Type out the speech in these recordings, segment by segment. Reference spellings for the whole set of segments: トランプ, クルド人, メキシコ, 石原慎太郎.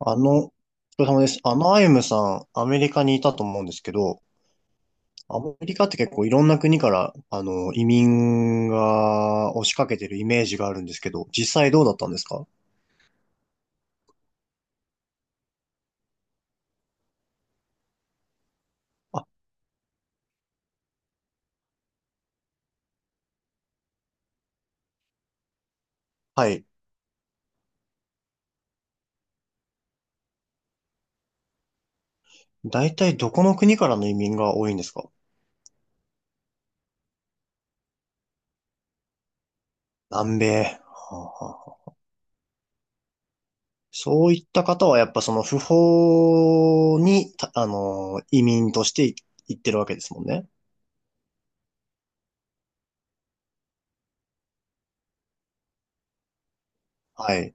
お疲れ様です。アイムさん、アメリカにいたと思うんですけど、アメリカって結構いろんな国から、移民が押しかけてるイメージがあるんですけど、実際どうだったんですか？あ、はい。大体どこの国からの移民が多いんですか？南米。はあはあはあ。そういった方はやっぱその不法に、たあの、移民としてい行ってるわけですもんね。はい。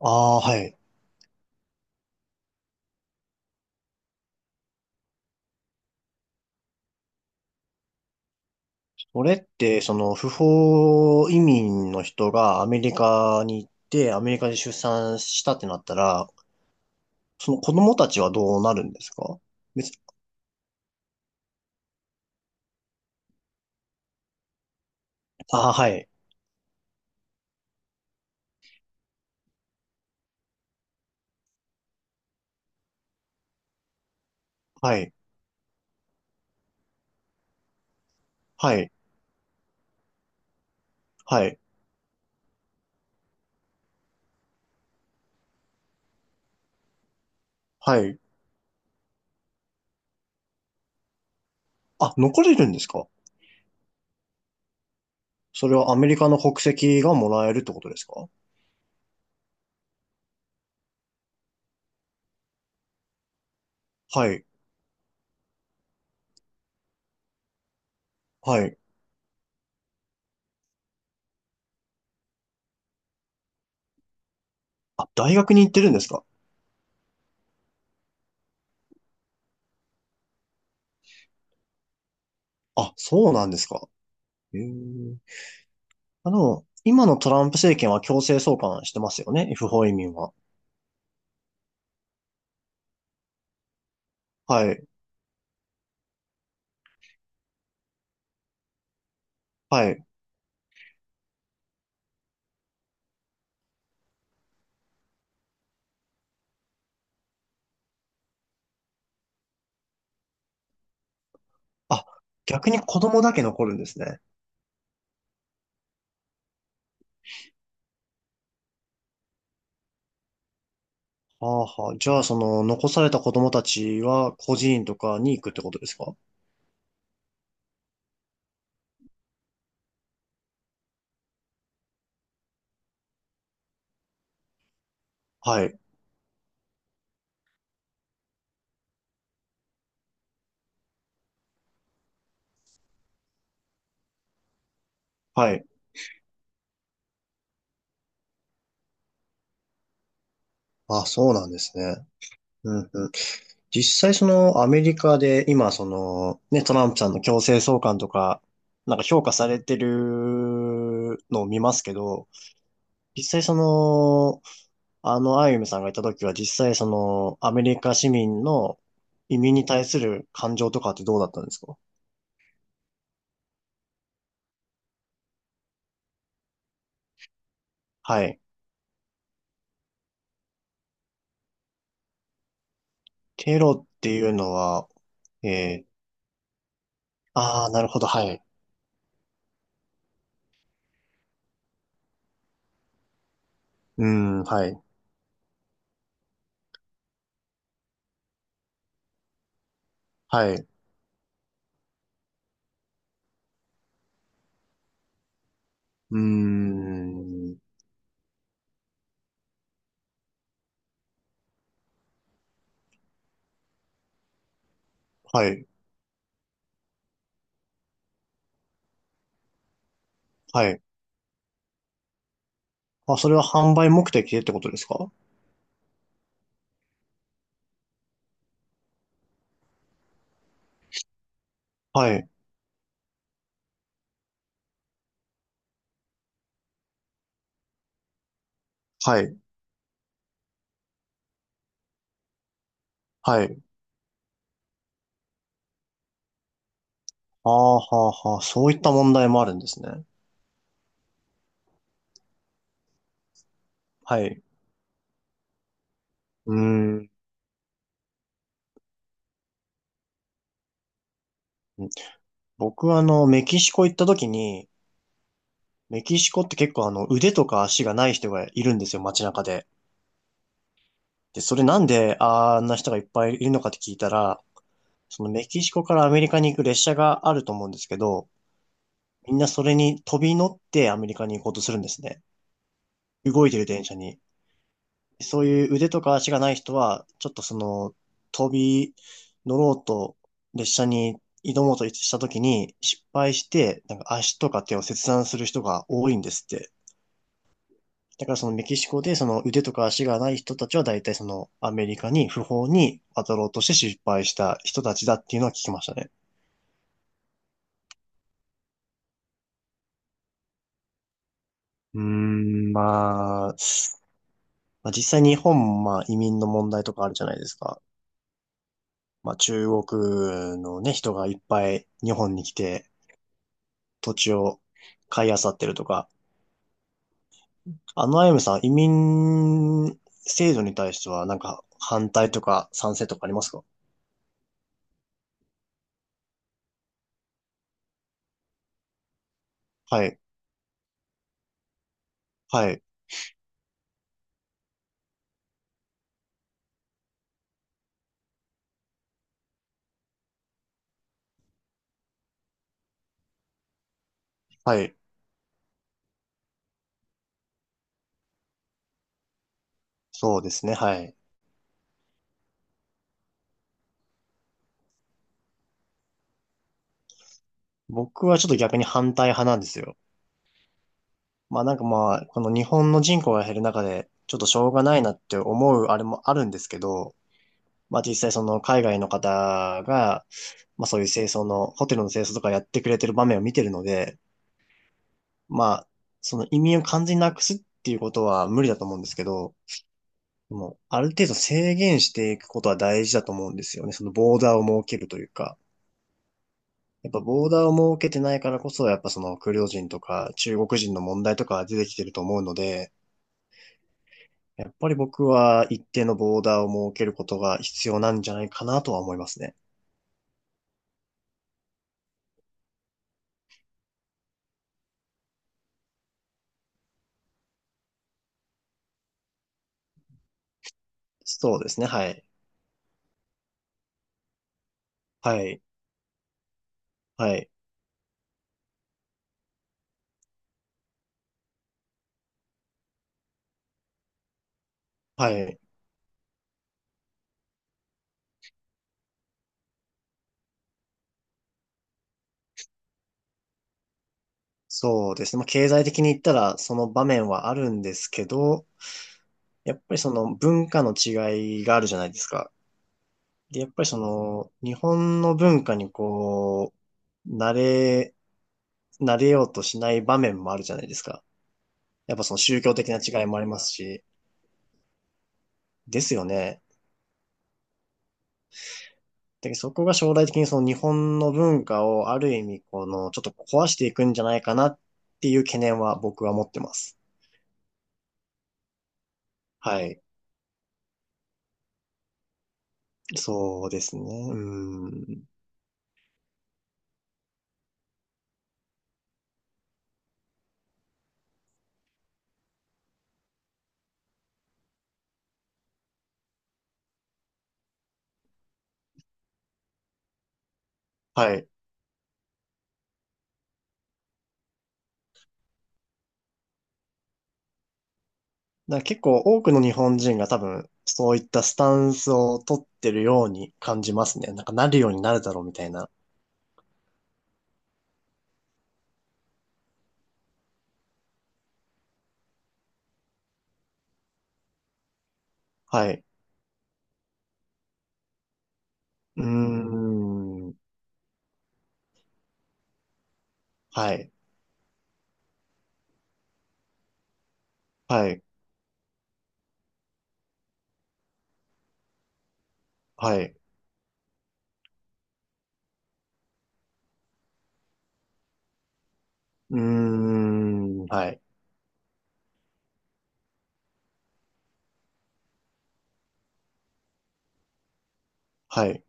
ああ、はい。それって、その不法移民の人がアメリカに行って、アメリカで出産したってなったら、その子供たちはどうなるんですか？別、あ、はい、はい、はい、はい、はい。あ、残れるんですか？それはアメリカの国籍がもらえるってことですか？はい、はい。あ、大学に行ってるんですか？あ、そうなんですか。へえ。今のトランプ政権は強制送還してますよね、不法移民は。はい、はい。あ、逆に子供だけ残るんですね。はあはあ。じゃあ、その、残された子供たちは、孤児院とかに行くってことですか？はい。はい。あ、そうなんですね。うんうん。実際、その、アメリカで、今、その、ね、トランプさんの強制送還とか、なんか評価されてるのを見ますけど、実際その、アイユムさんがいた時は、実際その、アメリカ市民の移民に対する感情とかってどうだったんですか？はい。テロっていうのは、えー、ああ、なるほど、はい。うーん、はい、はい。うーん、はい、はい。あ、それは販売目的でってことですか？はい、はい、はい。ああ、はあ、はあ、そういった問題もあるんですね。はい。うーん。僕はメキシコ行った時に、メキシコって結構あの、腕とか足がない人がいるんですよ、街中で。で、それなんであんな人がいっぱいいるのかって聞いたら、そのメキシコからアメリカに行く列車があると思うんですけど、みんなそれに飛び乗ってアメリカに行こうとするんですね。動いてる電車に。そういう腕とか足がない人は、ちょっとその、飛び乗ろうと、列車に挑もうとした時に失敗して、なんか足とか手を切断する人が多いんですって。だからそのメキシコでその腕とか足がない人たちは大体そのアメリカに不法に渡ろうとして失敗した人たちだっていうのは聞きましたね。うーん、まあ、実際日本もまあ移民の問題とかあるじゃないですか。まあ、中国のね、人がいっぱい日本に来て土地を買い漁ってるとか、アイムさん、移民制度に対してはなんか反対とか賛成とかありますか？はい、はい、はい。そうですね、はい。僕はちょっと逆に反対派なんですよ。まあなんかまあ、この日本の人口が減る中で、ちょっとしょうがないなって思うあれもあるんですけど、まあ実際その海外の方が、まあそういう清掃の、ホテルの清掃とかやってくれてる場面を見てるので、まあ、その移民を完全になくすっていうことは無理だと思うんですけど、でもうある程度制限していくことは大事だと思うんですよね。そのボーダーを設けるというか。やっぱボーダーを設けてないからこそ、やっぱそのクルド人とか中国人の問題とかが出てきてると思うので、やっぱり僕は一定のボーダーを設けることが必要なんじゃないかなとは思いますね。そうですね。はい。はい。はい。はい。そうですね。まあ、経済的に言ったらその場面はあるんですけど、やっぱりその文化の違いがあるじゃないですか。で、やっぱりその日本の文化にう、慣れ、慣れようとしない場面もあるじゃないですか。やっぱその宗教的な違いもありますし、ですよね。で、そこが将来的にその日本の文化をある意味このちょっと壊していくんじゃないかなっていう懸念は僕は持ってます。はい。そうですね。うん。はい。だから結構多くの日本人が多分そういったスタンスを取ってるように感じますね。なんかなるようになるだろうみたいな。はい。うーん。はい。はい。はい。うーん。はい。はい。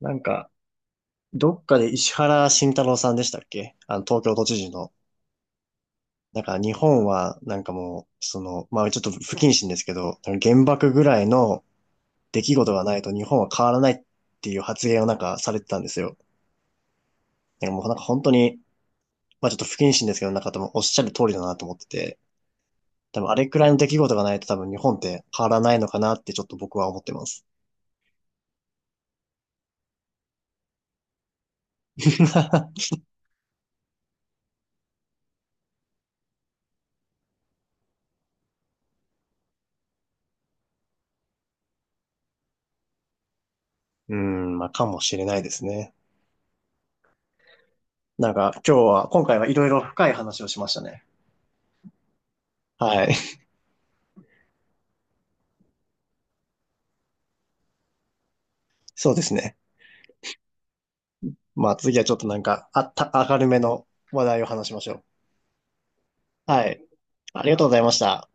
なんか、どっかで石原慎太郎さんでしたっけ、東京都知事の。なんか日本は、なんかもう、その、まあちょっと不謹慎ですけど、原爆ぐらいの出来事がないと日本は変わらないっていう発言をなんかされてたんですよ。なんかもうなんか本当に、まあちょっと不謹慎ですけど、なんか多分おっしゃる通りだなと思ってて、多分あれくらいの出来事がないと多分日本って変わらないのかなってちょっと僕は思ってます。うん、まあかもしれないですね。なんか今日は、今回はいろいろ深い話をしましたね。はい。そうですね。まあ次はちょっとなんかあった、明るめの話題を話しましょう。はい。ありがとうございました。